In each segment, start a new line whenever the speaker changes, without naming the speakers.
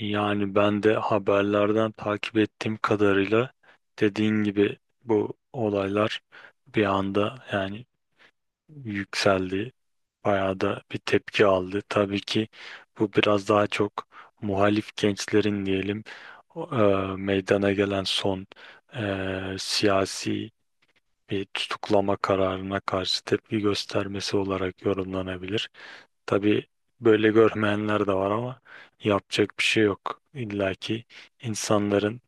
Yani ben de haberlerden takip ettiğim kadarıyla dediğin gibi bu olaylar bir anda yani yükseldi. Bayağı da bir tepki aldı. Tabii ki bu biraz daha çok muhalif gençlerin diyelim meydana gelen son siyasi bir tutuklama kararına karşı tepki göstermesi olarak yorumlanabilir. Tabii böyle görmeyenler de var ama yapacak bir şey yok. İlla ki insanların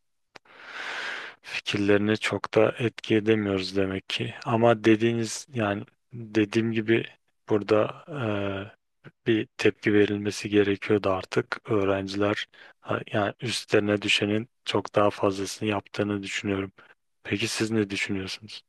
fikirlerini çok da etki edemiyoruz demek ki. Ama dediğiniz yani dediğim gibi burada bir tepki verilmesi gerekiyordu artık. Öğrenciler ha, yani üstlerine düşenin çok daha fazlasını yaptığını düşünüyorum. Peki siz ne düşünüyorsunuz?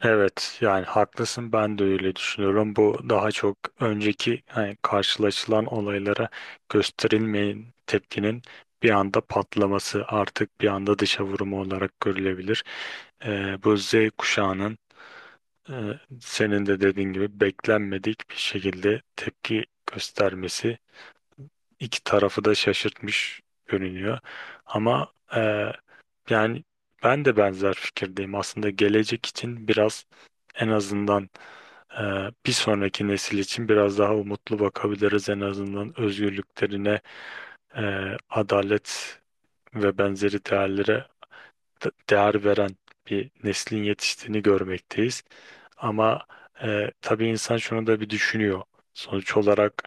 Evet yani haklısın, ben de öyle düşünüyorum. Bu daha çok önceki hani karşılaşılan olaylara gösterilmeyen tepkinin bir anda patlaması, artık bir anda dışa vurumu olarak görülebilir. Bu Z kuşağının e, senin de dediğin gibi beklenmedik bir şekilde tepki göstermesi iki tarafı da şaşırtmış görünüyor. Ama yani ben de benzer fikirdeyim. Aslında gelecek için biraz, en azından, e, bir sonraki nesil için biraz daha umutlu bakabiliriz. En azından özgürlüklerine, e, adalet ve benzeri değerlere değer veren bir neslin yetiştiğini görmekteyiz. Ama tabii insan şunu da bir düşünüyor. Sonuç olarak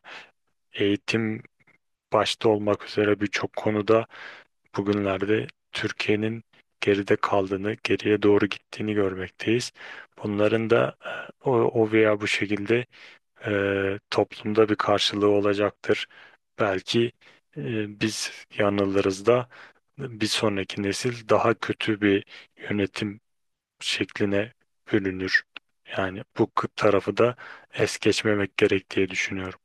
eğitim başta olmak üzere birçok konuda bugünlerde Türkiye'nin geride kaldığını, geriye doğru gittiğini görmekteyiz. Bunların da o veya bu şekilde toplumda bir karşılığı olacaktır. Belki biz yanılırız da bir sonraki nesil daha kötü bir yönetim şekline bürünür. Yani bu tarafı da es geçmemek gerek diye düşünüyorum.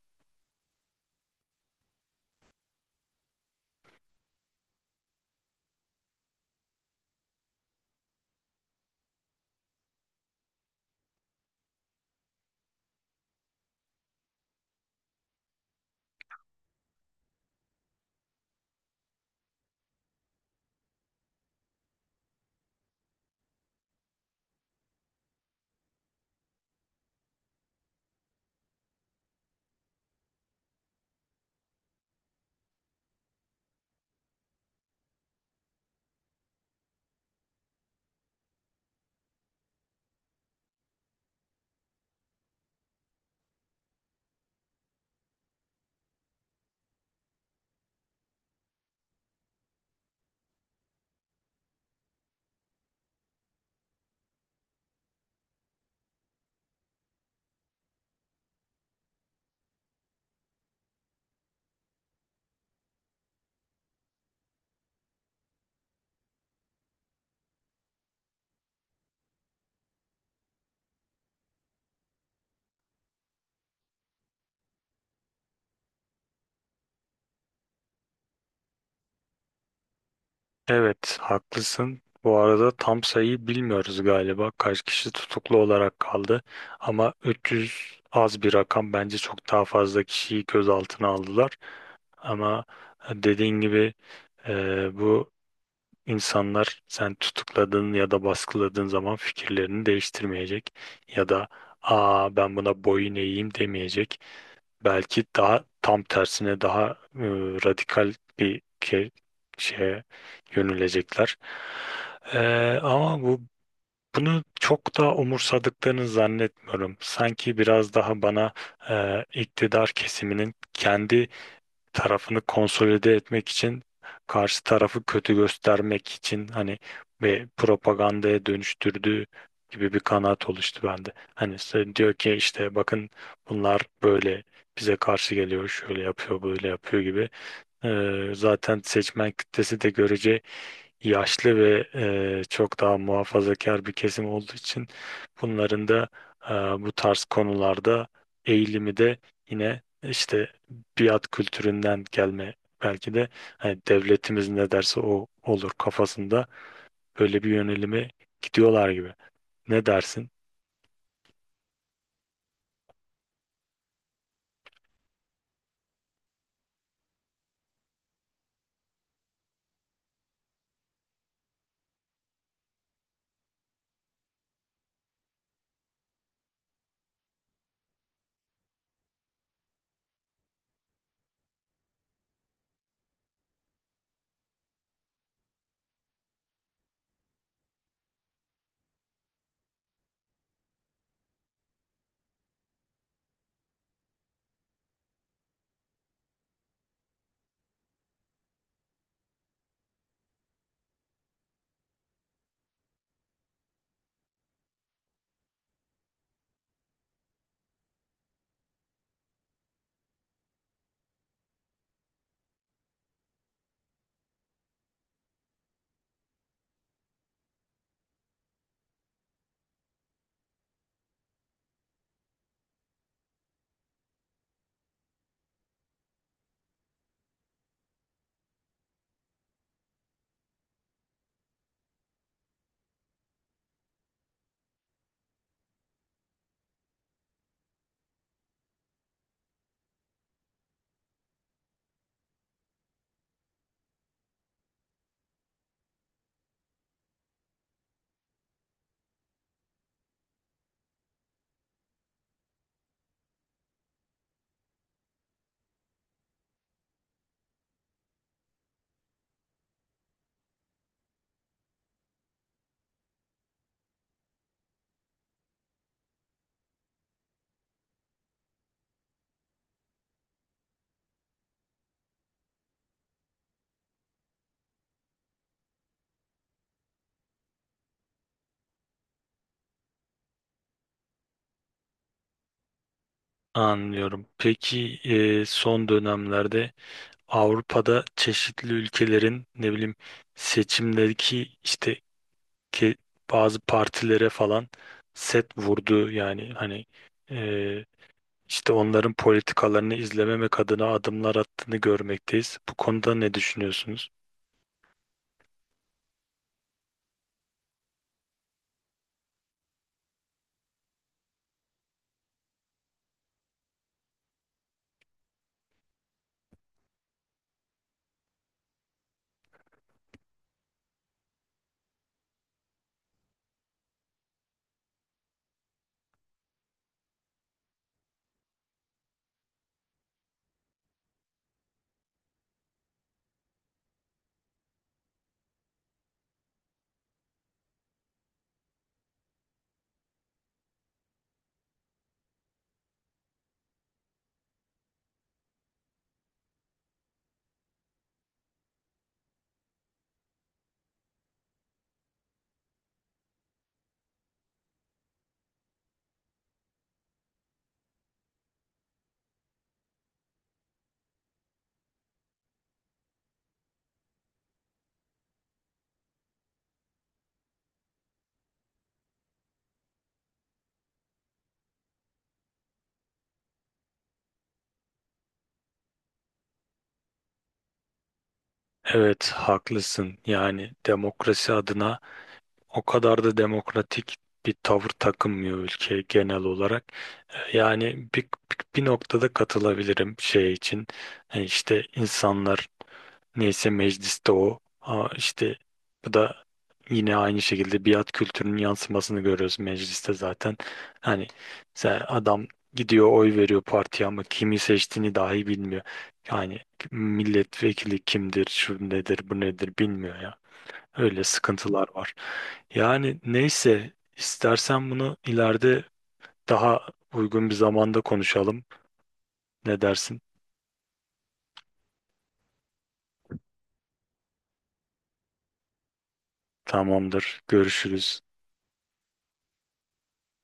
Evet, haklısın. Bu arada tam sayıyı bilmiyoruz galiba. Kaç kişi tutuklu olarak kaldı? Ama 300 az bir rakam. Bence çok daha fazla kişiyi gözaltına aldılar. Ama dediğin gibi bu insanlar, sen tutukladığın ya da baskıladığın zaman fikirlerini değiştirmeyecek. Ya da aa, ben buna boyun eğeyim demeyecek, belki daha tam tersine daha e, radikal bir ke- şeye yönelecekler. E, Ama bu, bunu çok da umursadıklarını zannetmiyorum. Sanki biraz daha bana iktidar kesiminin kendi tarafını konsolide etmek için, karşı tarafı kötü göstermek için hani ve propagandaya dönüştürdüğü gibi bir kanaat oluştu bende. Hani sen diyor ki işte bakın, bunlar böyle bize karşı geliyor, şöyle yapıyor, böyle yapıyor gibi. Zaten seçmen kitlesi de görece yaşlı ve çok daha muhafazakar bir kesim olduğu için, bunların da bu tarz konularda eğilimi de yine işte biat kültüründen gelme belki de, hani devletimiz ne derse o olur kafasında böyle bir yönelime gidiyorlar gibi. Ne dersin? Anlıyorum. Peki son dönemlerde Avrupa'da çeşitli ülkelerin ne bileyim seçimdeki işte ke- bazı partilere falan set vurdu, yani hani e, işte onların politikalarını izlememek adına adımlar attığını görmekteyiz. Bu konuda ne düşünüyorsunuz? Evet, haklısın. Yani demokrasi adına o kadar da demokratik bir tavır takınmıyor ülke genel olarak. Yani bir bir noktada katılabilirim şey için. İşte insanlar, neyse mecliste o. Aa, işte bu da yine aynı şekilde biat kültürünün yansımasını görüyoruz mecliste zaten. Hani sen, adam gidiyor oy veriyor partiye ama kimi seçtiğini dahi bilmiyor. Yani milletvekili kimdir, şu nedir, bu nedir bilmiyor ya. Öyle sıkıntılar var. Yani neyse, istersen bunu ileride daha uygun bir zamanda konuşalım. Ne dersin? Tamamdır. Görüşürüz.